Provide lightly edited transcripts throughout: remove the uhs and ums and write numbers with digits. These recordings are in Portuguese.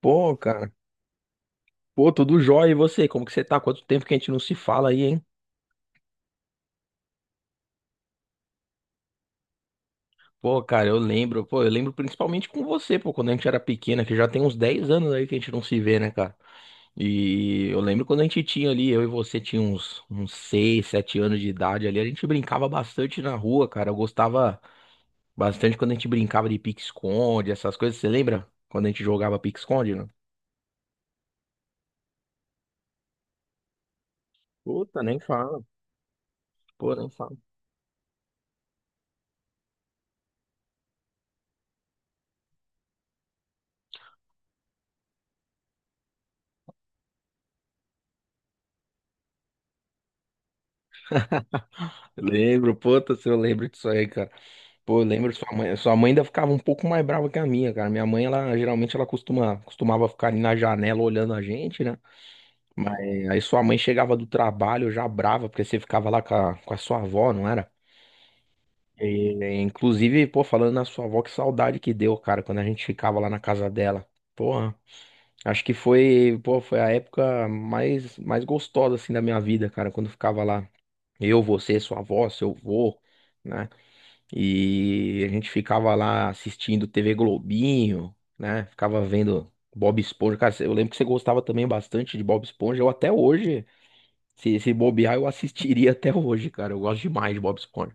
Pô, cara. Pô, tudo jóia. E você? Como que você tá? Quanto tempo que a gente não se fala aí, hein? Pô, cara, eu lembro. Pô, eu lembro principalmente com você, pô, quando a gente era pequena, que já tem uns 10 anos aí que a gente não se vê, né, cara? E eu lembro quando a gente tinha ali, eu e você tinha uns, 6, 7 anos de idade ali, a gente brincava bastante na rua, cara. Eu gostava bastante quando a gente brincava de pique-esconde, essas coisas. Você lembra? Quando a gente jogava pique-esconde, né? Puta, nem fala. Pô, nem fala. Lembro, puta, se eu lembro disso aí, cara. Pô, eu lembro, sua mãe ainda ficava um pouco mais brava que a minha, cara. Minha mãe, ela geralmente ela costumava ficar ali na janela olhando a gente, né? Mas aí sua mãe chegava do trabalho já brava, porque você ficava lá com com a sua avó, não era? E, inclusive, pô, falando na sua avó, que saudade que deu, cara, quando a gente ficava lá na casa dela. Porra, acho que foi, pô, foi a época mais, gostosa, assim, da minha vida, cara, quando eu ficava lá. Eu, você, sua avó, seu avô, né? E a gente ficava lá assistindo TV Globinho, né? Ficava vendo Bob Esponja. Cara, eu lembro que você gostava também bastante de Bob Esponja. Eu até hoje, se bobear, eu assistiria até hoje, cara. Eu gosto demais de Bob Esponja.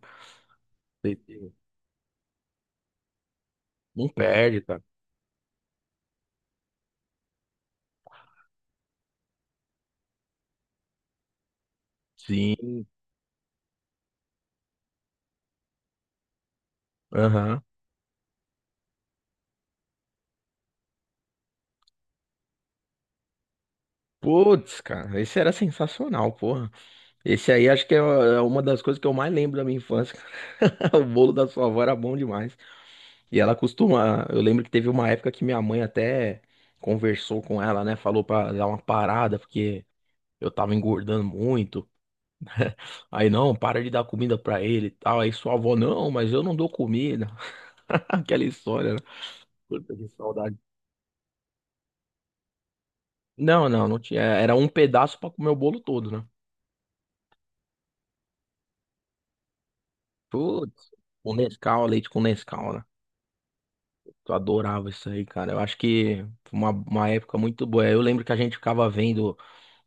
Não perde, cara. Sim. Aham. Putz, cara, esse era sensacional, porra. Esse aí acho que é uma das coisas que eu mais lembro da minha infância. Cara. O bolo da sua avó era bom demais. E ela costuma. Eu lembro que teve uma época que minha mãe até conversou com ela, né? Falou pra dar uma parada, porque eu tava engordando muito. Aí, não, para de dar comida pra ele e tal. Aí sua avó, não, mas eu não dou comida. Aquela história, né? Puta que saudade. Não, não, não tinha. Era um pedaço pra comer o bolo todo, né? Putz, com Nescau, leite com Nescau, né? Eu adorava isso aí, cara. Eu acho que foi uma época muito boa. Eu lembro que a gente ficava vendo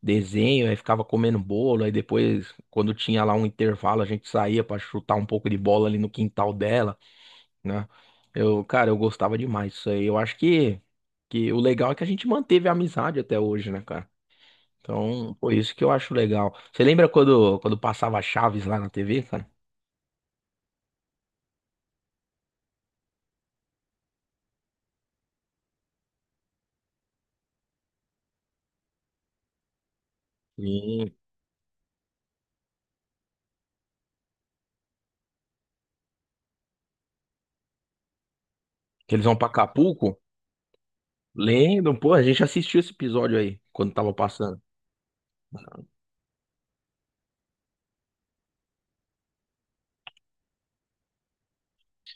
desenho, aí ficava comendo bolo, aí depois, quando tinha lá um intervalo, a gente saía pra chutar um pouco de bola ali no quintal dela, né? Eu, cara, eu gostava demais disso aí. Eu acho que o legal é que a gente manteve a amizade até hoje, né, cara? Então, por isso que eu acho legal. Você lembra quando passava Chaves lá na TV, cara? Sim. Que eles vão pra Acapulco? Lembram, pô, a gente assistiu esse episódio aí, quando tava passando.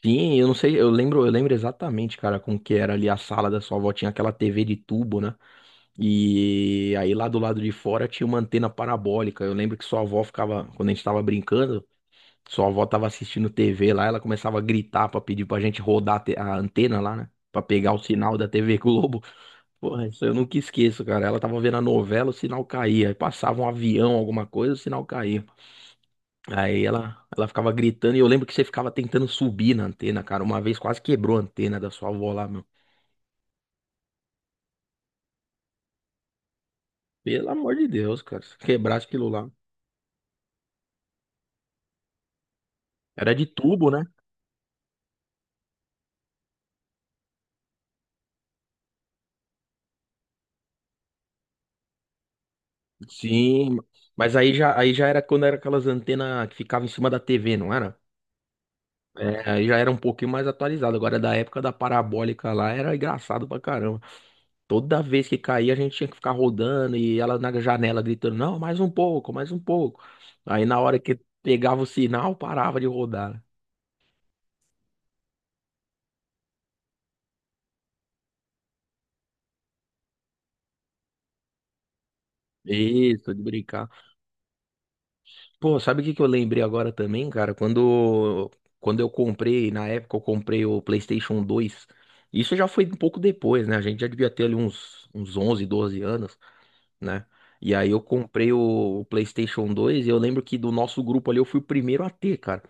Sim, eu não sei, eu lembro exatamente, cara, como que era ali a sala da sua avó, tinha aquela TV de tubo, né? E aí lá do lado de fora tinha uma antena parabólica. Eu lembro que sua avó ficava, quando a gente tava brincando, sua avó tava assistindo TV lá, ela começava a gritar pra pedir pra gente rodar a antena lá, né? Pra pegar o sinal da TV Globo. Porra, isso eu nunca esqueço, cara. Ela tava vendo a novela, o sinal caía. Aí passava um avião, alguma coisa, o sinal caía. Aí ela ficava gritando e eu lembro que você ficava tentando subir na antena, cara. Uma vez quase quebrou a antena da sua avó lá, meu. Pelo amor de Deus, cara. Se quebrasse aquilo lá. Era de tubo, né? Sim, mas aí já era quando era aquelas antenas que ficavam em cima da TV, não era? É, aí já era um pouquinho mais atualizado. Agora, da época da parabólica lá, era engraçado pra caramba. Toda vez que caía, a gente tinha que ficar rodando e ela na janela gritando: Não, mais um pouco, mais um pouco. Aí, na hora que pegava o sinal, parava de rodar, né? Isso, de brincar. Pô, sabe o que que eu lembrei agora também, cara? Quando eu comprei, na época eu comprei o PlayStation dois. Isso já foi um pouco depois, né? A gente já devia ter ali uns, 11, 12 anos, né? E aí eu comprei o PlayStation dois e eu lembro que do nosso grupo ali eu fui o primeiro a ter, cara.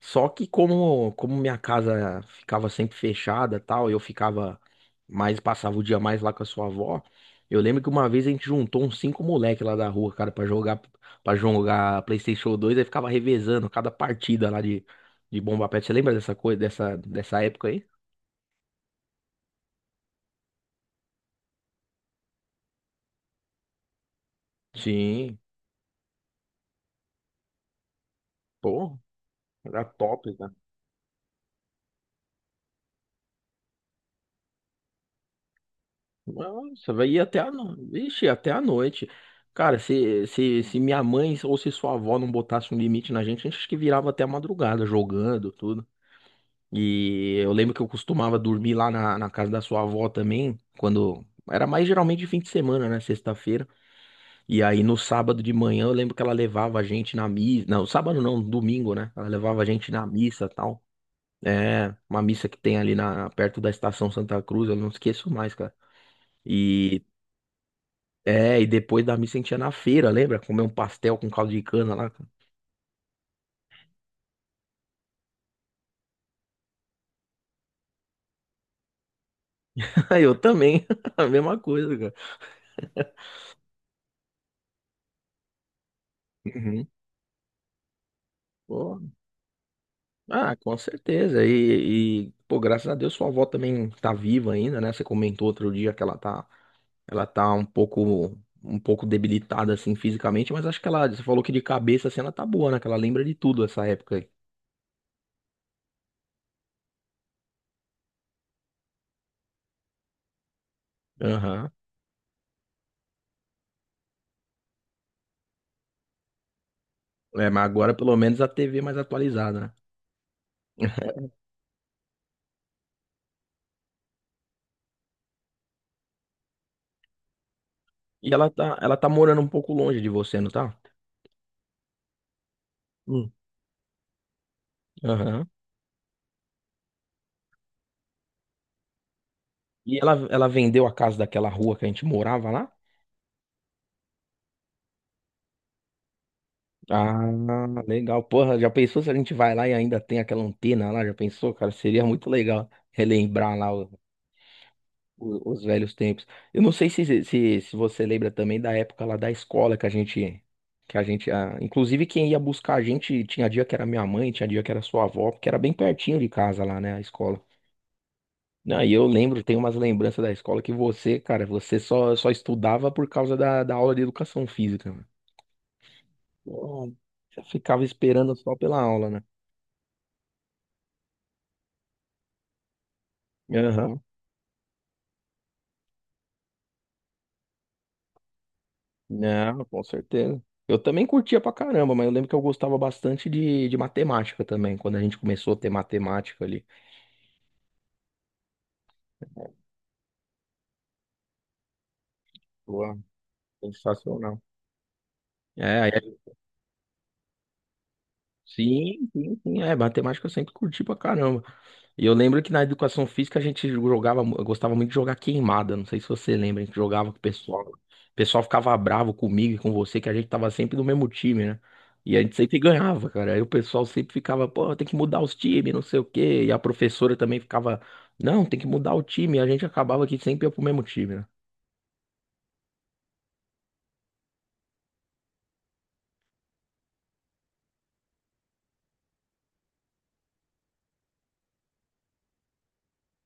Só que como minha casa ficava sempre fechada, tal, eu ficava mais passava o dia mais lá com a sua avó. Eu lembro que uma vez a gente juntou uns cinco moleque lá da rua, cara, pra jogar para jogar PlayStation 2, aí ficava revezando cada partida lá de Bomba Pet. Você lembra dessa coisa, dessa época aí? Sim, pô, era top. Nossa, vai ir até a noite. Ixi, até a noite. Cara, se minha mãe ou se sua avó não botasse um limite na gente, a gente acho que virava até a madrugada jogando, tudo. E eu lembro que eu costumava dormir lá na casa da sua avó também, quando. Era mais geralmente de fim de semana, né? Sexta-feira. E aí no sábado de manhã eu lembro que ela levava a gente na missa. Não, sábado não, domingo, né? Ela levava a gente na missa e tal. É, uma missa que tem ali na, perto da Estação Santa Cruz, eu não esqueço mais, cara. E É, e depois da missa a gente ia na feira, lembra? Comer um pastel com caldo de cana lá. Cara. Eu também, a mesma coisa, cara. Uhum. Pô, ah, com certeza. E, pô, graças a Deus sua avó também tá viva ainda, né? Você comentou outro dia que ela tá um um pouco debilitada assim fisicamente, mas acho que ela, você falou que de cabeça assim ela tá boa, né? Que ela lembra de tudo essa época aí. Aham. É, mas agora pelo menos a TV é mais atualizada, né? E ela tá morando um pouco longe de você, não tá? Hum. Aham. E ela vendeu a casa daquela rua que a gente morava lá? Ah, legal. Porra, já pensou se a gente vai lá e ainda tem aquela antena lá? Já pensou, cara? Seria muito legal relembrar lá o- os velhos tempos. Eu não sei se você lembra também da época lá da escola que a gente, ah, inclusive quem ia buscar a gente, tinha dia que era minha mãe, tinha dia que era sua avó, porque era bem pertinho de casa lá, né, a escola. Não, e eu lembro, tem umas lembranças da escola que você, cara, só estudava por causa da aula de educação física. Pô, já ficava esperando só pela aula, né? Aham. Não, com certeza. Eu também curtia pra caramba, mas eu lembro que eu gostava bastante de matemática também, quando a gente começou a ter matemática ali. Pô, sensacional. É, é, sim, é, matemática eu sempre curti pra caramba. E eu lembro que na educação física a gente jogava, eu gostava muito de jogar queimada. Não sei se você lembra, a gente jogava com o pessoal. O pessoal ficava bravo comigo e com você, que a gente tava sempre do mesmo time, né? E a gente sempre ganhava, cara. Aí o pessoal sempre ficava, pô, tem que mudar os times, não sei o quê. E a professora também ficava, não, tem que mudar o time. E a gente acabava que sempre ia pro mesmo time, né?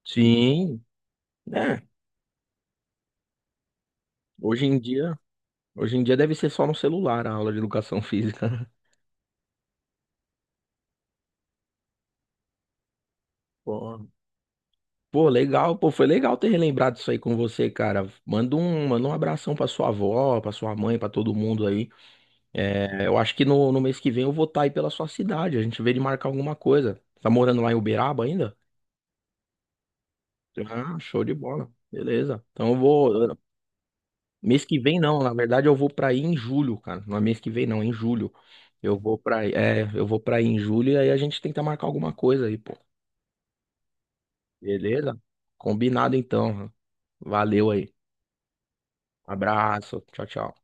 Sim, né? hoje em dia, Hoje em dia deve ser só no celular a aula de educação física. Pô. Pô, legal, pô, foi legal ter relembrado isso aí com você, cara. Manda um abração pra sua avó, pra sua mãe, pra todo mundo aí. É, eu acho que no mês que vem eu vou estar aí pela sua cidade. A gente vê de marcar alguma coisa. Tá morando lá em Uberaba ainda? Ah, show de bola. Beleza. Então eu vou. Mês que vem não, na verdade eu vou pra aí em julho, cara. Não é mês que vem não, é em julho. Eu vou pra aí, é, eu vou pra aí em julho e aí a gente tenta marcar alguma coisa aí, pô. Beleza? Combinado então. Valeu aí. Abraço. Tchau, tchau.